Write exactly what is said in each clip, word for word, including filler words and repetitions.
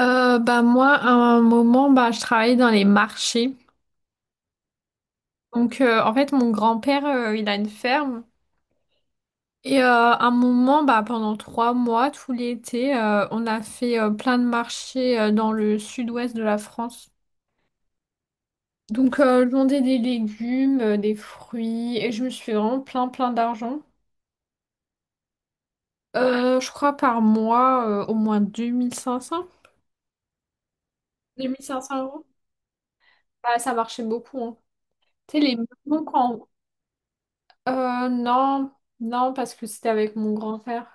Euh, bah moi, à un moment, bah, je travaillais dans les marchés. Donc, euh, en fait, mon grand-père, euh, il a une ferme. Et euh, à un moment, bah, pendant trois mois, tout l'été, euh, on a fait euh, plein de marchés euh, dans le sud-ouest de la France. Donc, euh, je vendais des légumes, euh, des fruits, et je me suis fait vraiment plein, plein d'argent. Euh, je crois par mois, euh, au moins deux deux mille mille cinq cents deux mille cinq cents euros. Bah, ça marchait beaucoup, hein. Tu sais, les maisons, quand. Euh, non, non, parce que c'était avec mon grand frère.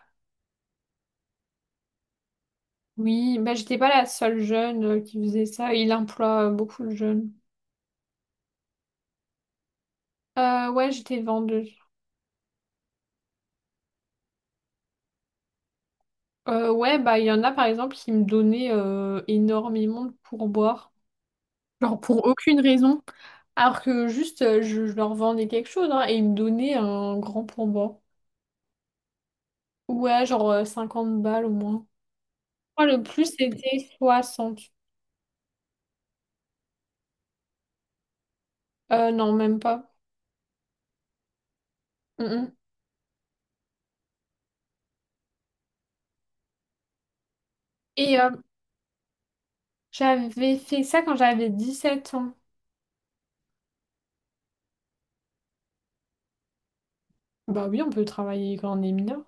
Oui, bah, j'étais pas la seule jeune euh, qui faisait ça. Il emploie euh, beaucoup de jeunes. Euh, ouais, j'étais vendeuse. Euh, ouais, bah, il y en a par exemple qui me donnaient euh, énormément de pourboire. Genre pour aucune raison. Alors que juste, euh, je, je leur vendais quelque chose, hein, et ils me donnaient un grand pourboire. Ouais, genre euh, cinquante balles au moins. Moi le plus, c'était soixante. Euh, non, même pas. Mm, mm. Et euh, j'avais fait ça quand j'avais dix-sept ans. Bah oui, on peut travailler quand on est mineur.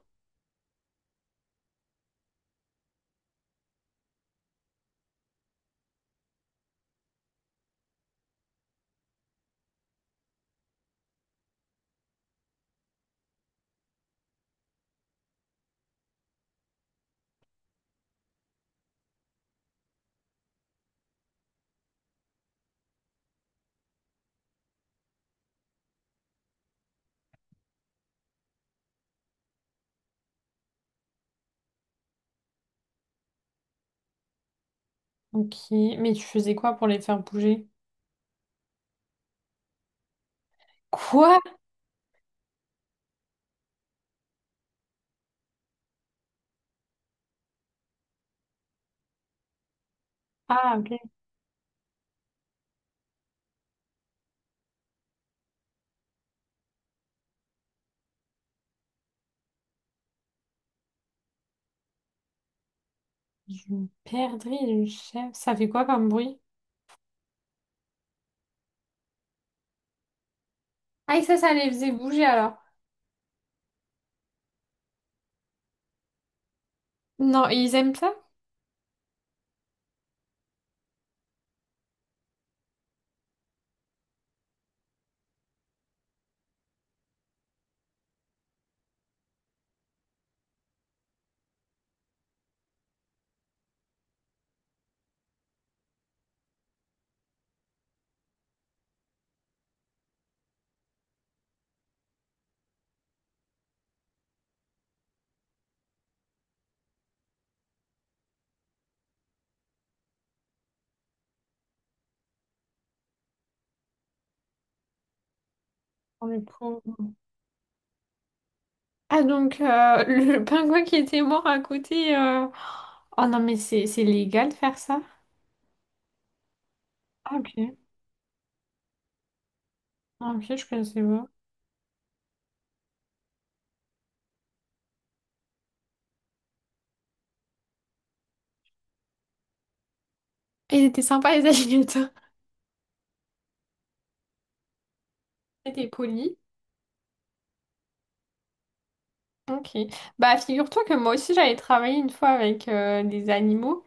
Ok, mais tu faisais quoi pour les faire bouger? Quoi? Ah, ok. Une perdrix, une chèvre. Ça fait quoi comme bruit? Ah, et ça, ça les faisait bouger alors. Non, et ils aiment ça? On est pauvres. Ah, donc euh, le pingouin qui était mort à côté. euh, Oh non, mais c'est c'est légal de faire ça? Ah, ok. Ah, ok, je connaissais pas. Et ils étaient sympas, les alligators. Ils étaient polis. Ok. Bah, figure-toi que moi aussi, j'avais travaillé une fois avec euh, des animaux,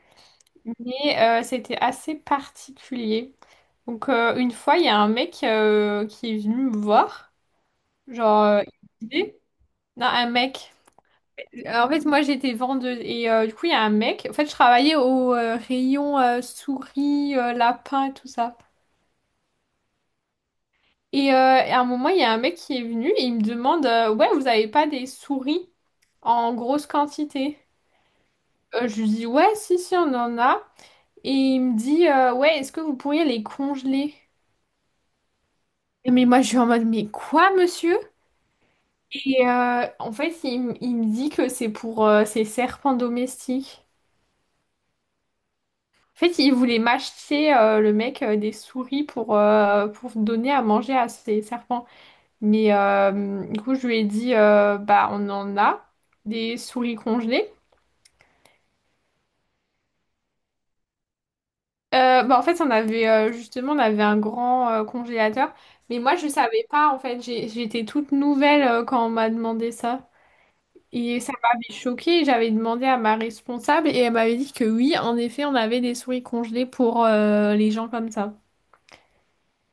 mais euh, c'était assez particulier. Donc, euh, une fois, il y a un mec euh, qui est venu me voir. Genre, euh, il me disait- non, un mec. Euh, En fait, moi, j'étais vendeuse. Et euh, du coup, il y a un mec. En fait, je travaillais au euh, rayon euh, souris, euh, lapins, tout ça. Et euh, à un moment, il y a un mec qui est venu et il me demande, euh, ouais, vous avez pas des souris en grosse quantité? Euh, je lui dis, ouais, si, si, on en a. Et il me dit, euh, ouais, est-ce que vous pourriez les congeler? Et mais moi, je suis en mode, mais quoi, monsieur? Et euh, en fait, il, m- il me dit que c'est pour euh, ces serpents domestiques. En fait, il voulait m'acheter, euh, le mec, euh, des souris pour, euh, pour donner à manger à ces serpents. Mais euh, du coup, je lui ai dit, euh, bah, on en a des souris congelées. Euh, bah, en fait, on avait, euh, justement, on avait un grand euh, congélateur. Mais moi, je savais pas, en fait. J'ai- J'étais toute nouvelle euh, quand on m'a demandé ça. Et ça m'avait choquée, j'avais demandé à ma responsable et elle m'avait dit que oui, en effet, on avait des souris congelées pour euh, les gens comme ça.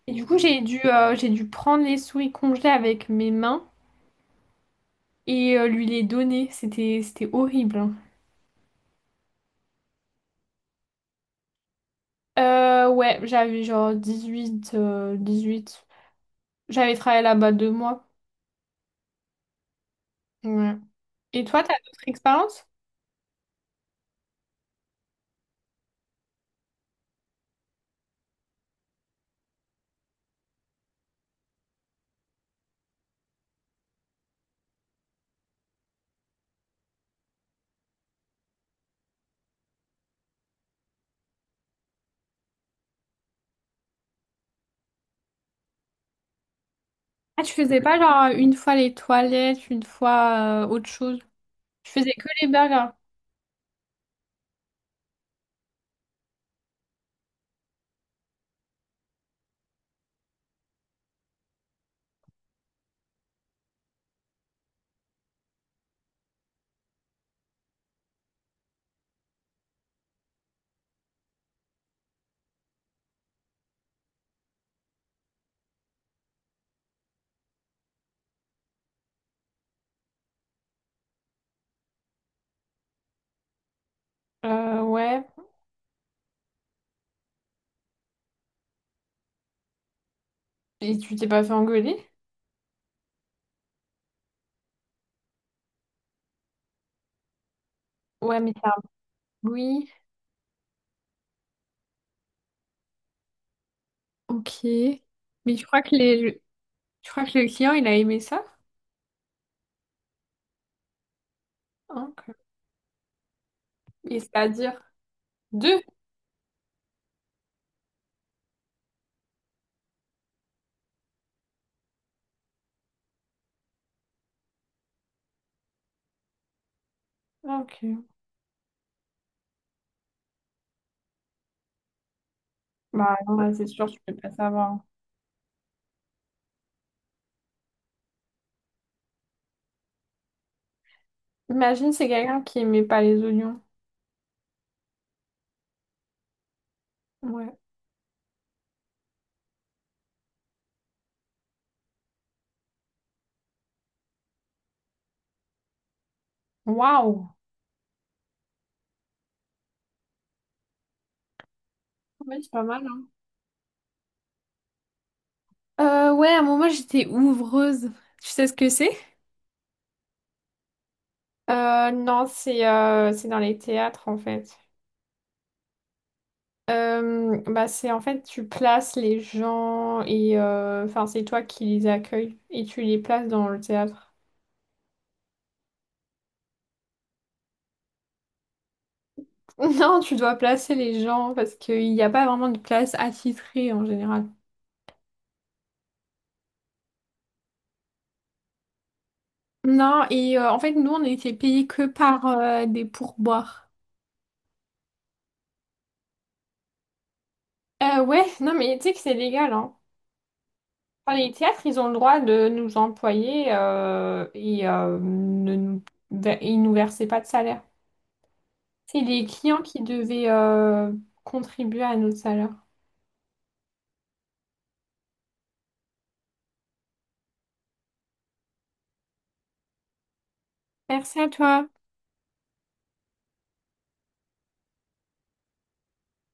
Et du coup, j'ai dû, euh, j'ai dû prendre les souris congelées avec mes mains et euh, lui les donner. C'était, c'était horrible, hein. Euh, ouais, j'avais genre dix-huit euh, huit J'avais travaillé là-bas deux mois. Ouais. Et toi, t'as d'autres expériences? Ah, tu faisais pas genre une fois les toilettes, une fois euh, autre chose. Tu faisais que les burgers. Euh, ouais. Et tu t'es pas fait engueuler? Ouais, mais ça. Oui, ok. Mais je crois que les... le- je crois que le client, il a aimé ça. Ok. Et c'est-à-dire deux. Ok. Bah non, là, c'est sûr, je peux pas savoir. Imagine, c'est quelqu'un qui aimait pas les oignons. Ouais. Waouh. Ouais, c'est pas mal, hein. Euh, ouais, à un moment, j'étais ouvreuse. Tu sais ce que c'est? Euh, non, c'est euh, c'est dans les théâtres, en fait. Euh, bah c'est en fait tu places les gens et euh, enfin c'est toi qui les accueilles et tu les places dans le théâtre. Non, tu dois placer les gens parce qu'il n'y a pas vraiment de place attitrée en général. Non, et euh, en fait, nous, on était payés que par euh, des pourboires. Euh, ouais, non, mais tu sais que c'est légal, hein. Enfin, les théâtres, ils ont le droit de nous employer euh, et euh, ne nous, de- ils nous versaient pas de salaire. C'est les clients qui devaient euh, contribuer à notre salaire. Merci à toi.